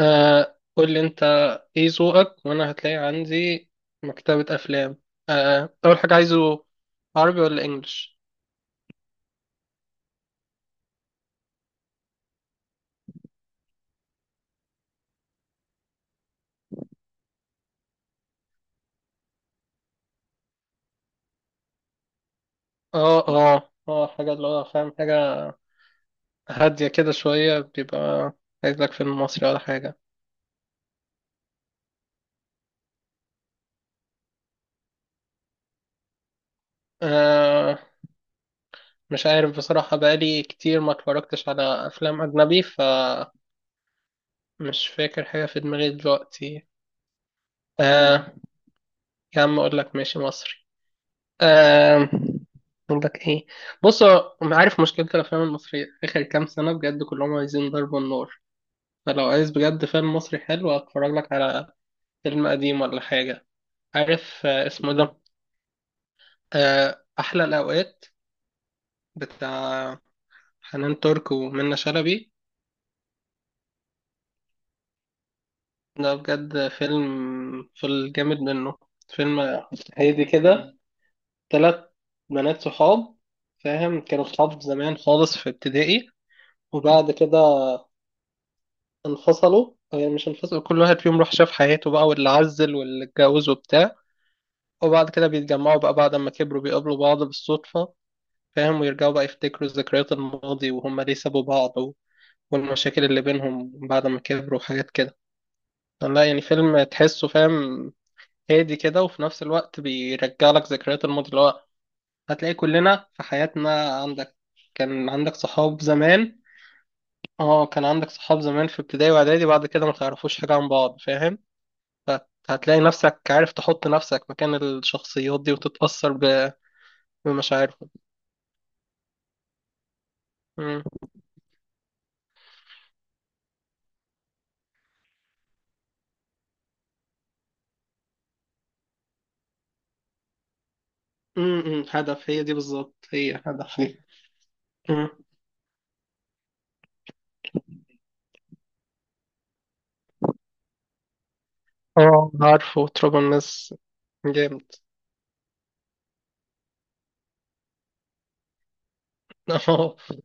آه، قول لي انت ايه ذوقك، وانا هتلاقي عندي مكتبة افلام. آه، اول حاجة عايزه عربي ولا انجليش؟ اه، اه، اه، حاجة اللي هو فاهم، حاجة هادية كده شوية بيبقى، عايز لك فيلم مصري ولا حاجة؟ آه، مش عارف بصراحة، بقالي كتير ما اتفرجتش على افلام اجنبي فمش فاكر حاجة في دماغي دلوقتي. آه، يا عم اقول لك ماشي مصري. آم، اقول لك ايه؟ بص هو أنا عارف مشكله الافلام المصريه اخر كام سنه بجد كلهم عايزين ضرب النار. فلو عايز بجد فيلم مصري حلو هتفرج لك على فيلم قديم ولا حاجه. عارف اسمه ده، احلى الاوقات، بتاع حنان ترك ومنة شلبي. ده بجد فيلم، في الجامد منه، فيلم هادي كده. تلات بنات صحاب، فاهم، كانوا صحاب زمان خالص في ابتدائي، وبعد كده انفصلوا، يعني مش انفصلوا، كل واحد فيهم راح شاف حياته بقى، واللي عزل واللي اتجوز وبتاع. وبعد كده بيتجمعوا بقى بعد ما كبروا، بيقابلوا بعض بالصدفة، فاهم، ويرجعوا بقى يفتكروا ذكريات الماضي وهم ليه سابوا بعض والمشاكل اللي بينهم بعد ما كبروا وحاجات كده. لا يعني فيلم تحسه فاهم، هادي كده، وفي نفس الوقت بيرجع لك ذكريات الماضي اللي هو، هتلاقي كلنا في حياتنا عندك، كان عندك صحاب زمان. اه، كان عندك صحاب زمان في ابتدائي واعدادي، بعد كده ما تعرفوش حاجة عن بعض، فاهم. هتلاقي نفسك، عارف، تحط نفسك مكان الشخصيات دي وتتأثر بمشاعرهم. مم. هدف، هي دي بالظبط، هي هدف هي. مم. اه، عارفه تراب الناس، جامد. اه.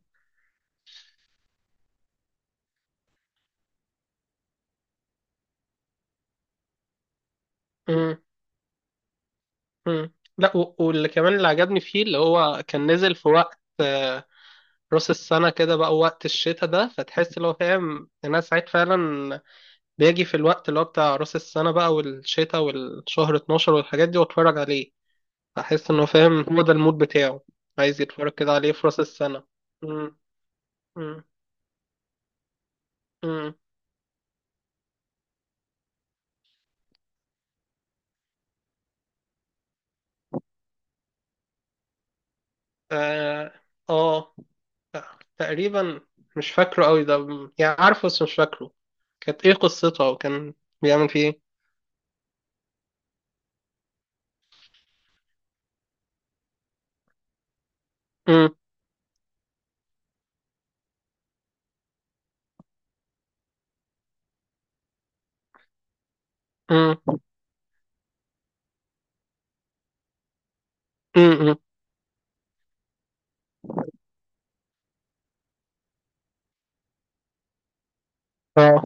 مم، مم. لا واللي كمان اللي عجبني فيه اللي هو كان نزل في وقت راس السنة كده بقى، وقت الشتاء ده، فتحس اللي هو فاهم الناس ساعات فعلا بيجي في الوقت اللي هو بتاع راس السنة بقى، والشتاء، والشهر 12 والحاجات دي، واتفرج عليه، احس انه فاهم هو ده المود بتاعه. عايز يتفرج كده عليه في راس السنة. مم. مم. مم. اه. آه. تقريبا، مش فاكره قوي ده، يعني عارفه بس مش فاكره كانت ايه قصتها، وكان بيعمل فيه ايه. مم. مم. مم. مم. اه.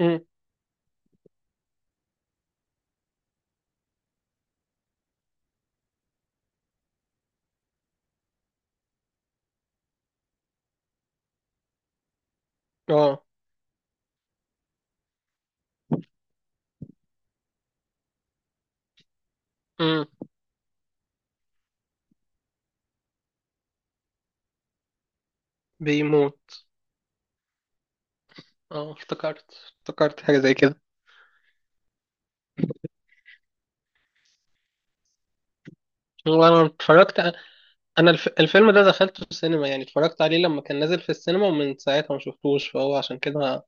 مم. اه. مم. بيموت. اه، افتكرت، افتكرت حاجة زي كده. وانا اتفرجت. انا الفيلم ده دخلته السينما، يعني اتفرجت عليه لما كان نازل في السينما، ومن ساعتها ما شفتوش، فهو عشان كده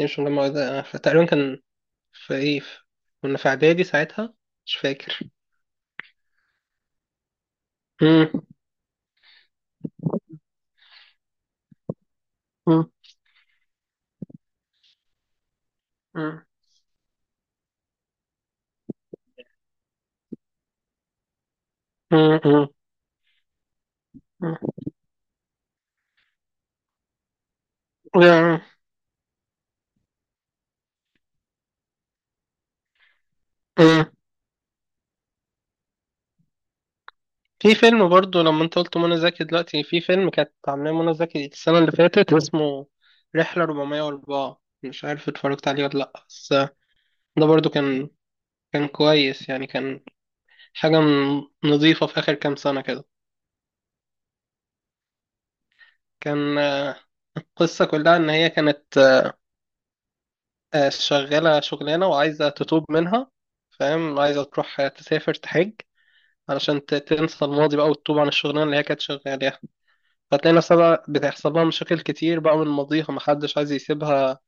مش الجامعة، ده تقريبا كان في ايه، كنا في اعدادي ساعتها، مش فاكر. مم. مم. مم. مم. مم. مم. مم. في فيلم برضو، لما انت قلت منى زكي، دلوقتي في فيلم كانت عاملاه منى زكي السنة اللي فاتت، اسمه رحلة 404، مش عارف اتفرجت عليه ولا لأ، بس ده برضو كان كويس يعني، كان حاجة نظيفة في آخر كام سنة كده. كان القصة كلها إن هي كانت شغالة شغلانة وعايزة تتوب منها، فاهم، عايزة تروح تسافر تحج علشان تنسى الماضي بقى وتتوب عن الشغلانة اللي هي كانت شغالة. هتلاقي نفسها بقى بتحصل لها مشاكل كتير بقى من ماضيها، محدش عايز يسيبها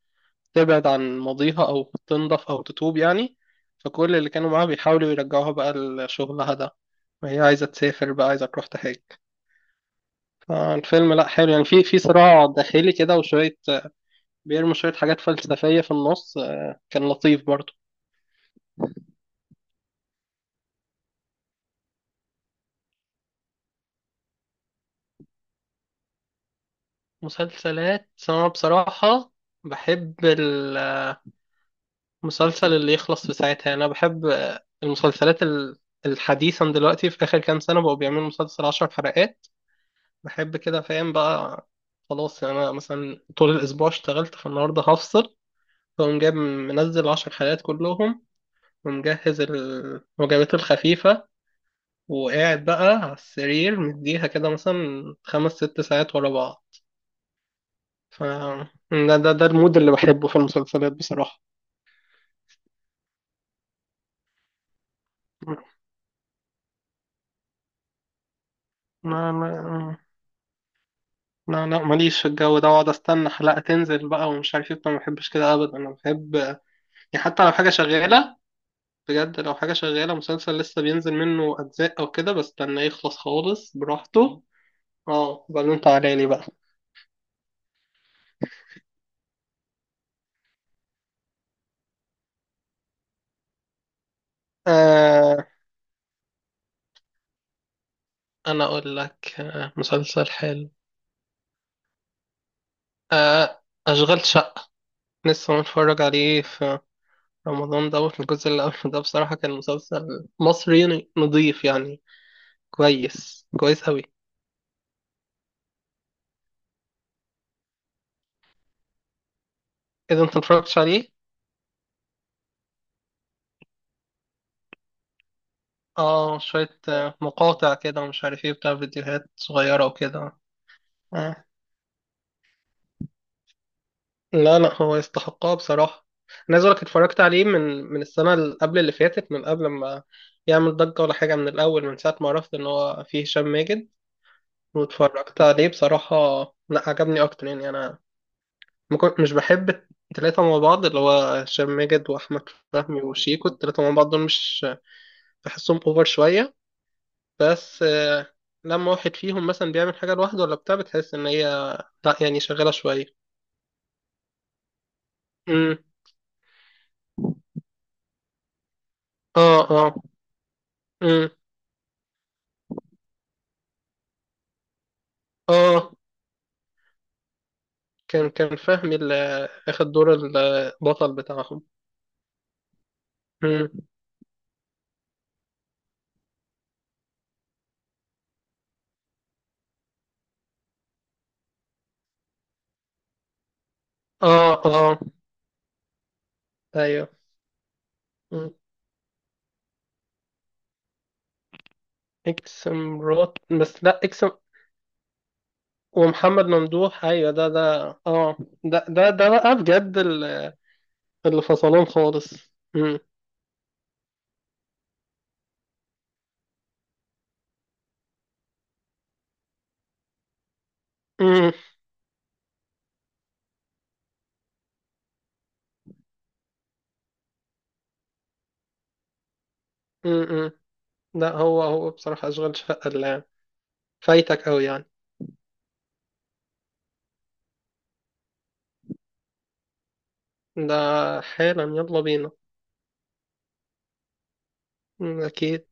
تبعد عن ماضيها أو تنضف أو تتوب يعني. فكل اللي كانوا معاها بيحاولوا يرجعوها بقى لشغلها ده، وهي عايزة تسافر بقى، عايزة تروح تحج. فالفيلم لأ، حلو يعني، في صراع داخلي كده، وشوية بيرموا شوية حاجات فلسفية في النص، كان لطيف برضه. مسلسلات أنا بصراحة بحب المسلسل اللي يخلص في ساعتها، يعني أنا بحب المسلسلات الحديثا دلوقتي، في آخر كام سنة بقوا بيعملوا مسلسل عشر حلقات. بحب كده، فاهم بقى، خلاص يعني، أنا مثلا طول الأسبوع اشتغلت، فالنهاردة هفصل فأقوم جايب منزل عشر حلقات كلهم، ومجهز الوجبات الخفيفة، وقاعد بقى على السرير مديها كده مثلا خمس ست ساعات ورا بعض. ف ده المود اللي بحبه في المسلسلات بصراحة. لا، لا، لا، لا، ماليش في الجو ده، واقعد استنى حلقة تنزل بقى ومش عارف ايه، أنا ما بحبش كده ابدا، انا بحب يعني حتى لو حاجة شغالة، بجد لو حاجة شغالة مسلسل لسه بينزل منه اجزاء او كده، بستناه يخلص خالص براحته. اه بعدين انت عليلي بقى. آه انا اقول لك مسلسل حلو، آه اشغال شقة، لسه متفرج عليه في رمضان ده، الجزء اللي قبل ده بصراحة كان مسلسل مصري نضيف يعني، كويس كويس أوي. إذا أنت متفرجتش عليه. اه، شوية مقاطع كده، ومش عارف ايه، بتاع فيديوهات صغيرة وكده. آه. لا، لا، هو يستحقها بصراحة، أنا عايز أقولك اتفرجت عليه من السنة اللي قبل اللي فاتت، من قبل ما يعمل ضجة ولا حاجة، من الأول، من ساعة ما عرفت إن هو فيه هشام ماجد، واتفرجت عليه بصراحة. لا، عجبني أكتر يعني، أنا ما كنت- مش بحب التلاتة مع بعض، اللي هو هشام ماجد وأحمد فهمي وشيكو، التلاتة مع بعض دول مش بحسهم، أوفر شوية، بس لما واحد فيهم مثلا بيعمل حاجة لوحده ولا بتاع، بتحس إن هي لا يعني شغالة شوية. امم، اه، اه. امم، اه، كان فهمي اللي اخد دور البطل بتاعهم. امم، اه، اه، ايوه. مم. اكس مرات، بس لا اكس. ومحمد ممدوح، ايوه، ده اه، ده بقى بجد، اللي فصلهم خالص. امم، امم، امم. لا، هو بصراحة اشغال شقة اللي فايتك قوي يعني، ده حالا، يلا بينا. مم، اكيد.